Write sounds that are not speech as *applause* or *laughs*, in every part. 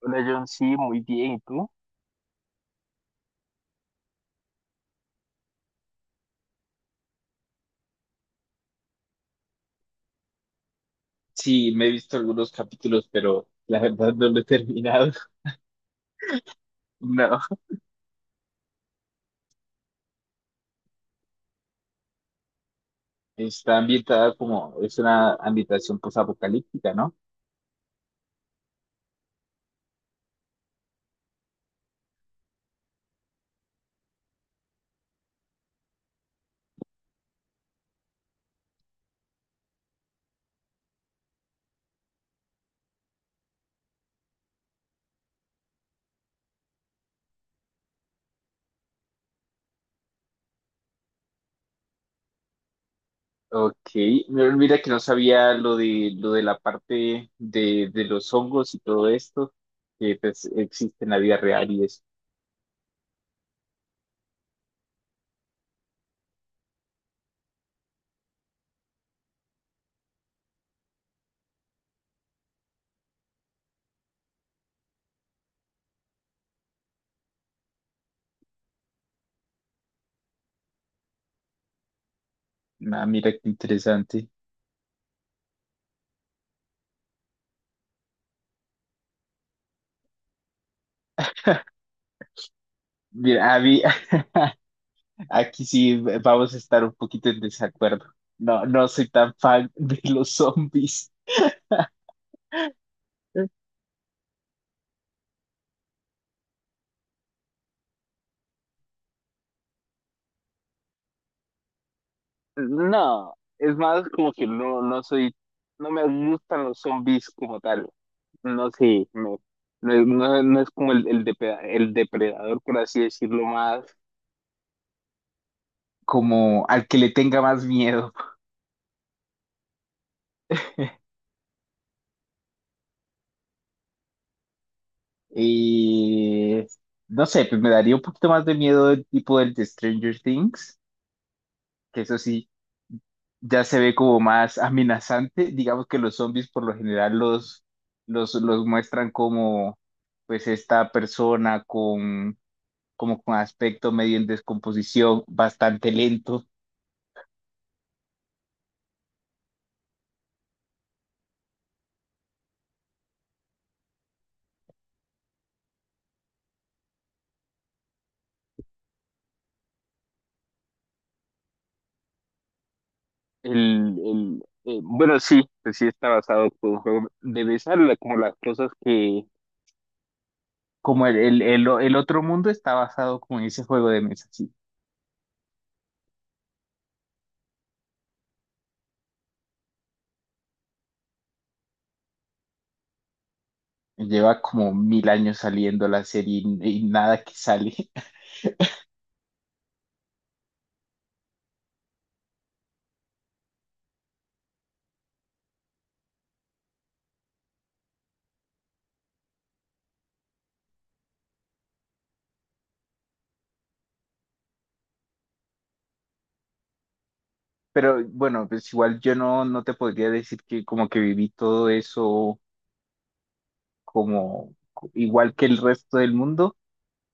Hola John, sí, muy bien. ¿Y tú? Sí, me he visto algunos capítulos, pero la verdad no lo he terminado. *laughs* No. Está ambientada como, es una ambientación posapocalíptica, ¿no? Ok, no, mira que no sabía lo de la parte de los hongos y todo esto, que pues existe en la vida real y eso. Ah, mira qué interesante. Mira, a mí- *laughs* aquí sí vamos a estar un poquito en desacuerdo. No, no soy tan fan *laughs* de los zombies. No, es más como que no, no me gustan los zombies como tal. No sé, no, no, es no es como el depredador, por así decirlo, más como al que le tenga más miedo. Y no sé, pues me daría un poquito más de miedo el tipo del de Stranger Things, que eso sí, ya se ve como más amenazante. Digamos que los zombies por lo general los muestran como pues esta persona con como con aspecto medio en descomposición, bastante lento. Bueno, sí, pues sí está basado por un juego de besar, como las cosas que... Como el otro mundo está basado como en ese juego de mesa, sí. Lleva como mil años saliendo la serie y nada que sale. *laughs* Pero bueno, pues igual yo no, no te podría decir que como que viví todo eso como igual que el resto del mundo.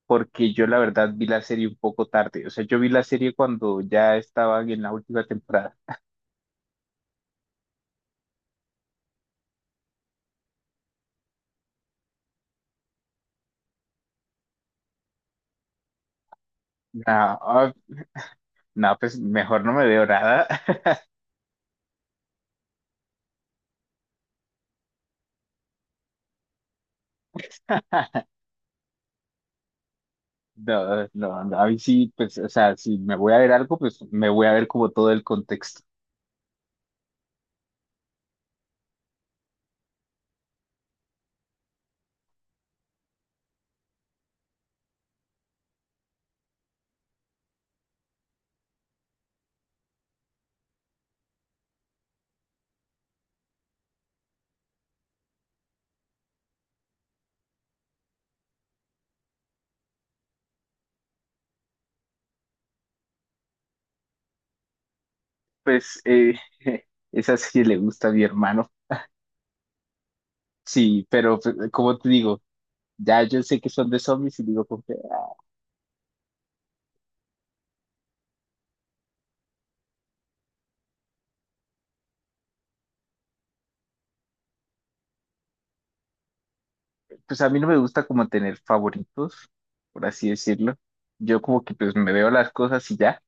Porque yo la verdad vi la serie un poco tarde. O sea, yo vi la serie cuando ya estaban en la última temporada. No, no, pues mejor no me veo nada. *laughs* No, no, no, a mí sí, pues, o sea, si me voy a ver algo, pues me voy a ver como todo el contexto. Pues *laughs* esa serie le gusta a mi hermano. Sí, pero pues, como te digo, ya yo sé que son de zombies y digo, como que, ay, pues a mí no me gusta como tener favoritos, por así decirlo. Yo como que pues me veo las cosas y ya.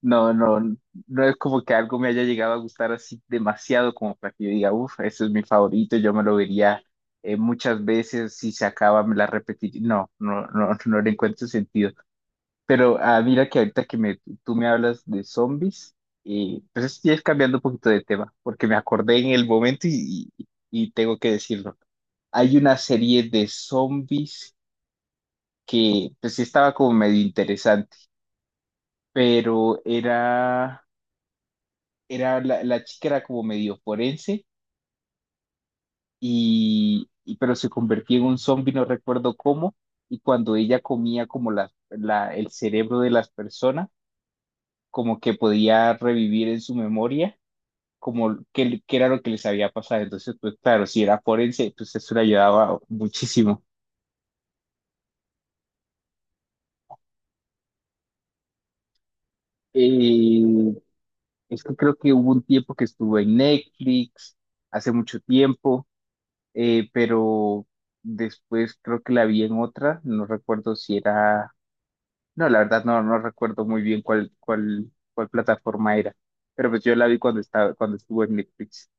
No, no, no es como que algo me haya llegado a gustar así demasiado como para que yo diga, uff, ese es mi favorito, yo me lo vería muchas veces, si se acaba me la repetiría. No, no, no, *laughs* no le encuentro sentido. Pero ah, mira que ahorita que me, tú me hablas de zombies, y pues estoy es cambiando un poquito de tema, porque me acordé en el momento y tengo que decirlo. Hay una serie de zombies que pues sí estaba como medio interesante, pero era... era la chica era como medio forense pero se convertía en un zombie, no recuerdo cómo, y cuando ella comía como el cerebro de las personas, como que podía revivir en su memoria como qué, qué era lo que les había pasado. Entonces, pues claro, si era forense, pues eso le ayudaba muchísimo. Eh, es que creo que hubo un tiempo que estuvo en Netflix, hace mucho tiempo. Pero después creo que la vi en otra, no recuerdo si era, no, la verdad no, no recuerdo muy bien cuál plataforma era, pero pues yo la vi cuando estaba, cuando estuvo en Netflix.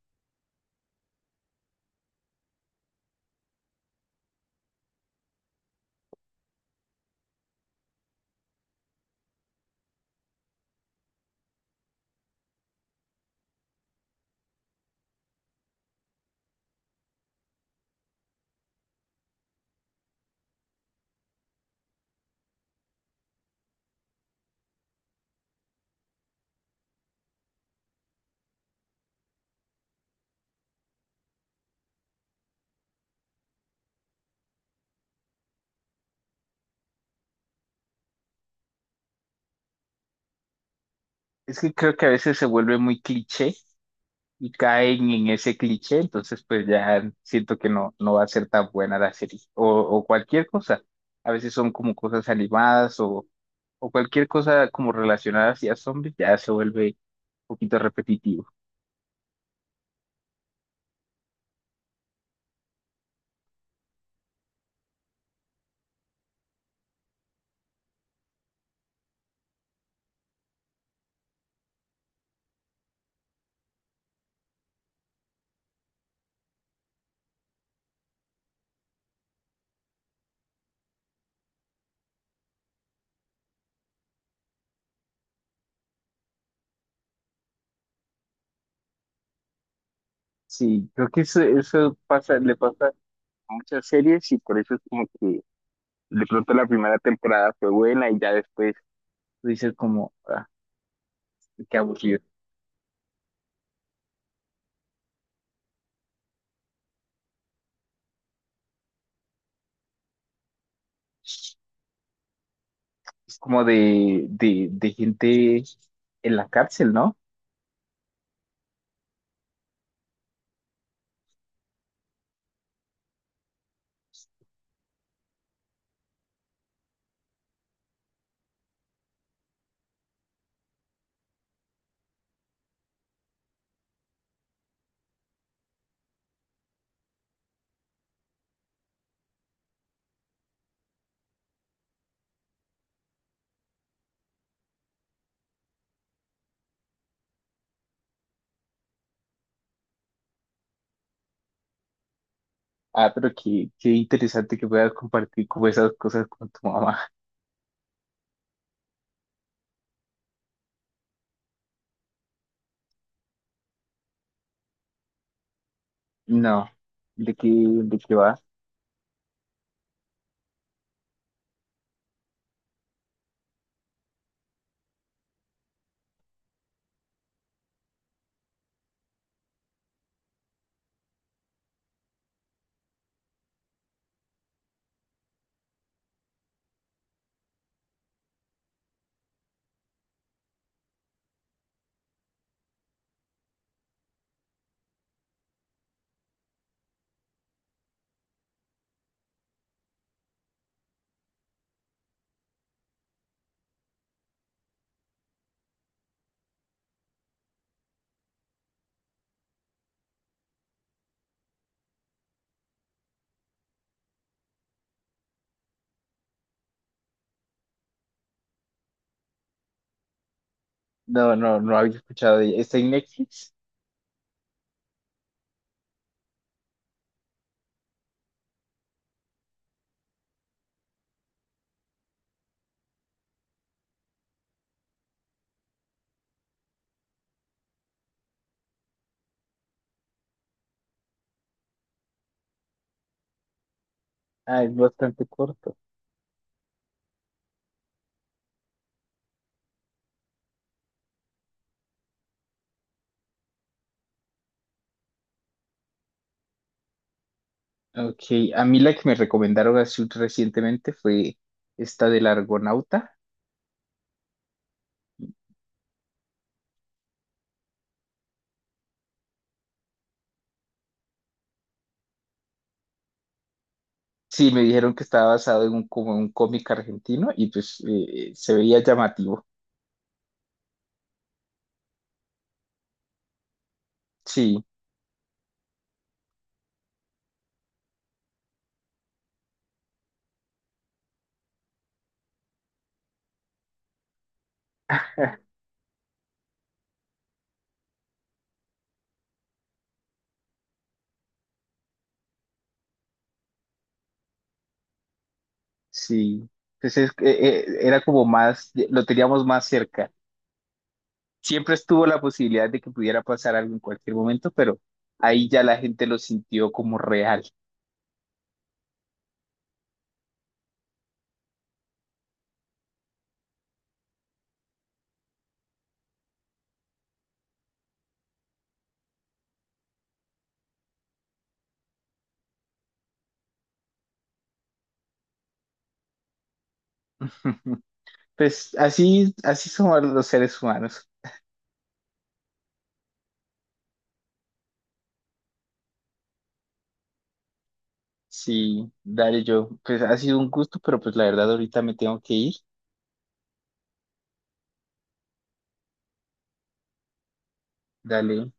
Es que creo que a veces se vuelve muy cliché y caen en ese cliché, entonces pues ya siento que no, no va a ser tan buena la serie o cualquier cosa. A veces son como cosas animadas o cualquier cosa como relacionada hacia zombies, ya se vuelve un poquito repetitivo. Sí, creo que eso pasa, le pasa a muchas series y por eso es como que de pronto la primera temporada fue buena y ya después tú dices como, ah, qué aburrido. Es como de gente en la cárcel, ¿no? Ah, pero qué, qué interesante que puedas compartir como esas cosas con tu mamá. *laughs* No, de qué va? No, no, no había escuchado de ella. ¿Está en Netflix? Ah, es bastante corto. Ok, a mí la que me recomendaron así recientemente fue esta del Argonauta. Sí, me dijeron que estaba basado en un, como un cómic argentino y pues se veía llamativo. Sí, sí. Pues es que, era como más, lo teníamos más cerca. Siempre estuvo la posibilidad de que pudiera pasar algo en cualquier momento, pero ahí ya la gente lo sintió como real. *laughs* Pues así, así somos los seres humanos. Sí, dale yo. Pues ha sido un gusto, pero pues la verdad ahorita me tengo que ir. Dale,